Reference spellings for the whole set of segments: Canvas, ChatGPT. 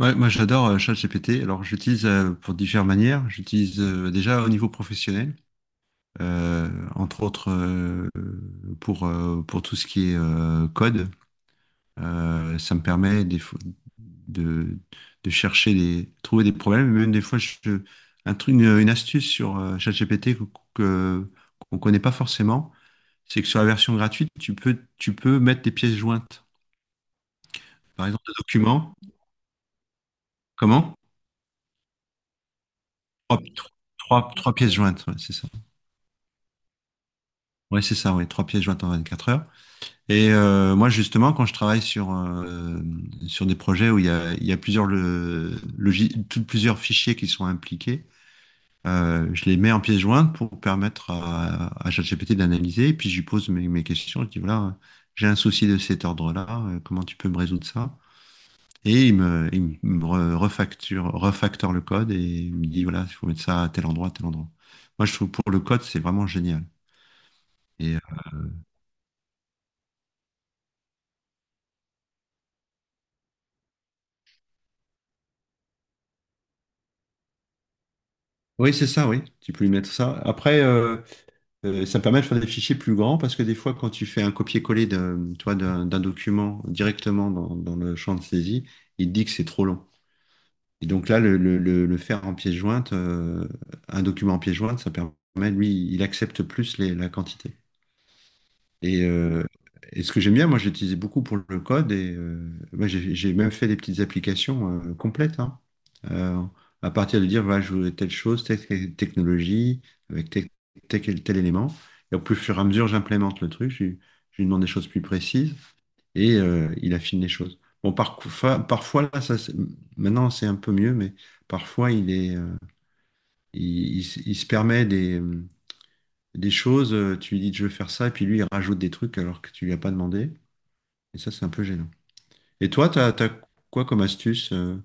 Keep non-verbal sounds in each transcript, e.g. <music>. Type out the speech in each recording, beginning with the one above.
Ouais, moi j'adore ChatGPT. Alors j'utilise pour diverses manières. J'utilise déjà au niveau professionnel, euh, entre autres euh, pour tout ce qui est code. Ça me permet des fois de, de chercher trouver des problèmes. Même des fois, un truc, une astuce sur ChatGPT que- qu'on connaît pas forcément, c'est que sur la version gratuite, tu peux mettre des pièces jointes. Par exemple, un document. Comment? Trois, trois pièces jointes, ouais, c'est ça. Oui, c'est ça, oui, trois pièces jointes en 24 heures. Et moi, justement, quand je travaille sur des projets où il y a plusieurs, plusieurs fichiers qui sont impliqués, je les mets en pièces jointes pour permettre à ChatGPT d'analyser. Et puis, je lui pose mes questions. Je dis, voilà, j'ai un souci de cet ordre-là. Comment tu peux me résoudre ça? Et il me refactore le code et il me dit, voilà, il faut mettre ça à tel endroit, à tel endroit. Moi, je trouve pour le code, c'est vraiment génial. Et euh, Oui, c'est ça, oui. Tu peux lui mettre ça. Après, ça me permet de faire des fichiers plus grands parce que des fois, quand tu fais un copier-coller d'un document directement dans le champ de saisie, il te dit que c'est trop long. Et donc là, le faire en pièce jointe, un document en pièce jointe, ça permet, lui, il accepte plus la quantité. Et, euh, et ce que j'aime bien, moi, j'ai utilisé beaucoup pour le code et moi, j'ai même fait des petites applications complètes, hein. Euh, à partir de dire, voilà, je voulais telle chose, telle technologie, avec tel élément. Et au plus fur et à mesure, j'implémente le truc, je lui demande des choses plus précises et il affine les choses. Bon, parfois là, maintenant, c'est un peu mieux, mais parfois, il est, il s- il se permet des choses, tu lui dis je veux faire ça, et puis lui il rajoute des trucs alors que tu lui as pas demandé. Et ça, c'est un peu gênant. Et toi, t'as quoi comme astuce?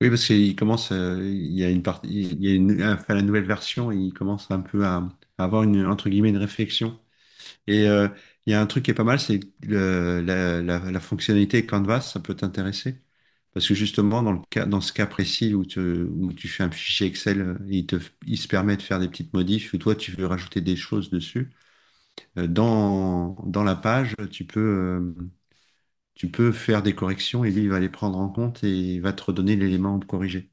Oui, parce qu'il commence, il y a une, enfin, la nouvelle version, il commence un peu à avoir une, entre guillemets, une réflexion. Et il y a un truc qui est pas mal, c'est la fonctionnalité Canvas, ça peut t'intéresser. Parce que justement, dans ce cas précis où où tu fais un fichier Excel, il se permet de faire des petites modifs, ou toi, tu veux rajouter des choses dessus. Dans la page, tu peux faire des corrections et lui, il va les prendre en compte et il va te redonner l'élément corrigé.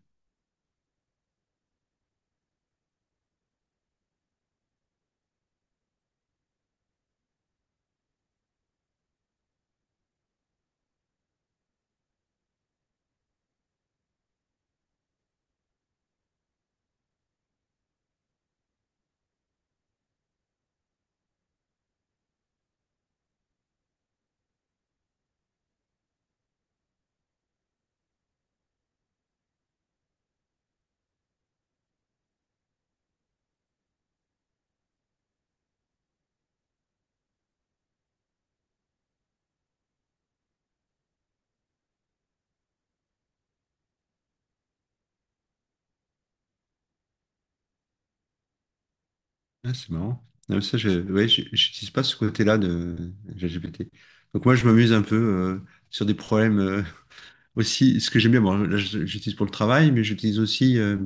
Ah, c'est marrant. Non, mais ça, ouais, j'utilise pas ce côté-là de GPT. Donc moi, je m'amuse un peu sur des problèmes <laughs> aussi. Ce que j'aime bien, bon, là, j'utilise pour le travail, mais j'utilise aussi euh,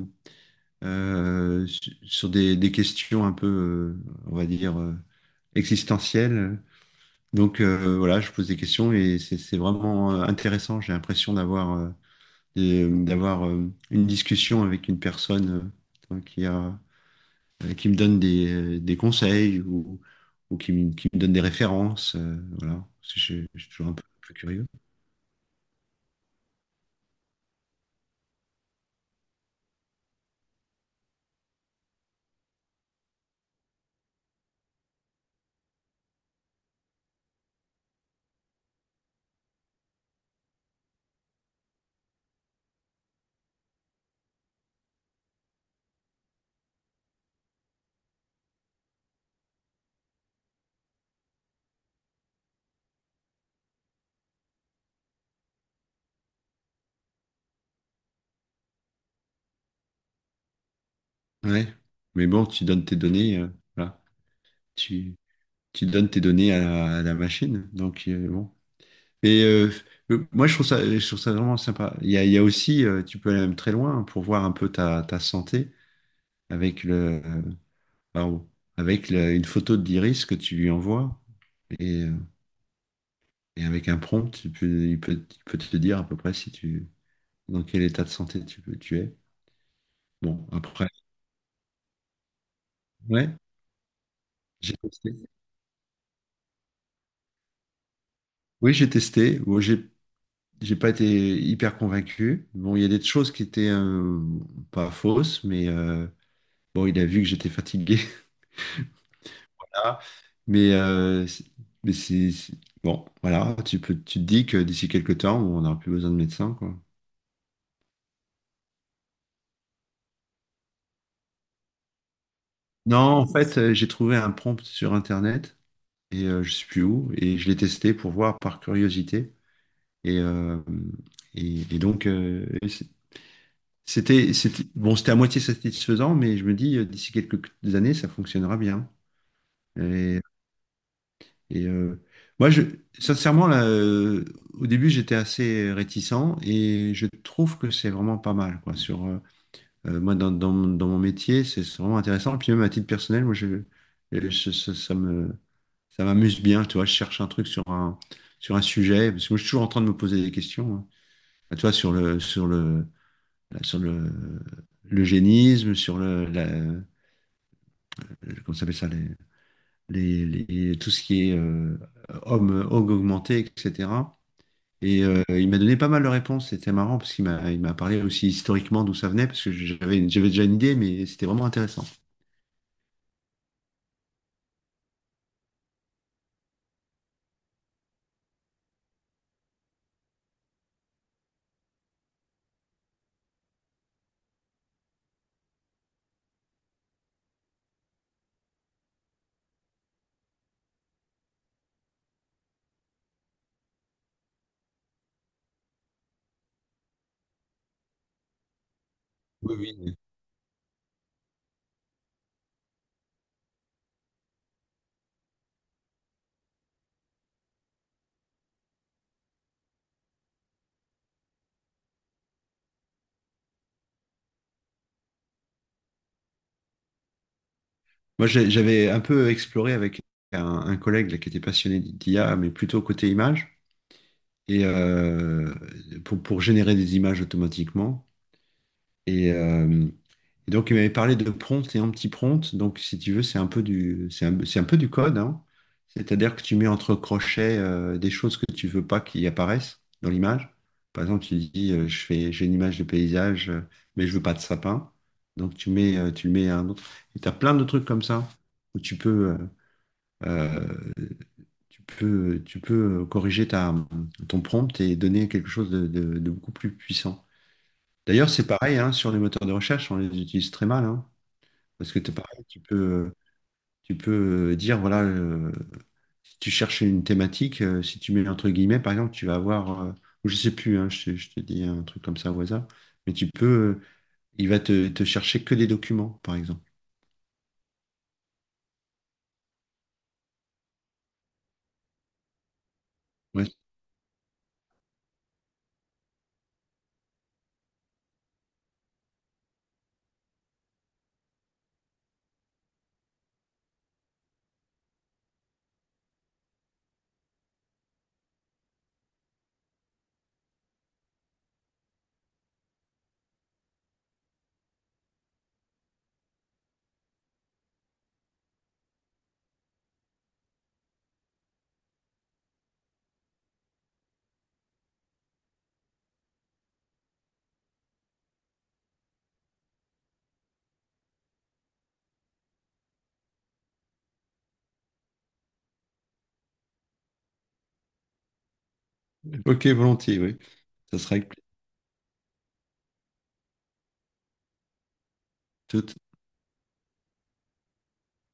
euh, su- sur des questions un peu, on va dire, existentielles. Donc voilà, je pose des questions et c'est vraiment intéressant. J'ai l'impression d'avoir une discussion avec une personne euh, qui a, qui me donne des conseils ou qui me donne des références. Voilà. Parce que je suis toujours un peu curieux. Ouais. Mais bon, tu donnes tes données, voilà. Tu, Tu donnes tes données à la machine. Donc, bon. Et euh, Moi, je trouve ça vraiment sympa. Il y a aussi, tu peux aller même très loin pour voir un peu ta santé avec Waouh. Avec une photo de l'iris que tu lui envoies et, euh, et avec un prompt, il peut te dire à peu près si dans quel état de santé tu es. Bon, après, ouais, j'ai testé. Oui, j'ai testé. Bon, j'ai pas été hyper convaincu. Bon, il y a des choses qui étaient pas fausses, mais bon, il a vu que j'étais fatigué. <laughs> Voilà. Mais, euh, c'est- mais c'est, c'est- bon, voilà, tu te dis que d'ici quelques temps, on n'aura plus besoin de médecin, quoi. Non, en fait, j'ai trouvé un prompt sur Internet et je sais plus où et je l'ai testé pour voir par curiosité et euh, et donc c'était bon, c'était à moitié satisfaisant, mais je me dis d'ici quelques années ça fonctionnera bien. Et, et, euh, Moi, je sincèrement là, au début j'étais assez réticent et je trouve que c'est vraiment pas mal quoi sur moi, dans mon métier, c'est vraiment intéressant. Puis même à titre personnel, ça, ça m'amuse bien. Tu vois, je cherche un truc sur sur un sujet, parce que moi, je suis toujours en train de me poser des questions, hein. Bah, tu vois, sur sur le, l'eugénisme, sur comment ça s'appelle ça, tout ce qui est homme augmenté, etc. Et il m'a donné pas mal de réponses. C'était marrant parce qu'il m'a parlé aussi historiquement d'où ça venait, parce que j'avais déjà une idée, mais c'était vraiment intéressant. Oui, oui. Moi, j'avais un peu exploré avec un collègue là, qui était passionné d'IA, mais plutôt côté image, et pour générer des images automatiquement. Et, euh, donc, il m'avait parlé de prompt et anti-prompt. Donc, si tu veux, c'est un peu c'est un peu du code, hein. C'est-à-dire que tu mets entre crochets des choses que tu veux pas qui apparaissent dans l'image. Par exemple, tu dis, j'ai une image de paysage, mais je veux pas de sapin. Donc, tu mets, tu le mets à un autre. Et tu as plein de trucs comme ça où euh, tu peux corriger ton prompt et donner quelque chose de beaucoup plus puissant. D'ailleurs, c'est pareil, hein, sur les moteurs de recherche, on les utilise très mal, hein, parce que t'es pareil, tu peux dire, voilà, si tu cherches une thématique, si tu mets entre guillemets, par exemple, tu vas avoir, ou je sais plus, hein, je te dis un truc comme ça au hasard, mais il va te chercher que des documents, par exemple. Ouais. Ok, volontiers, oui. Ça sera avec plaisir. Tout.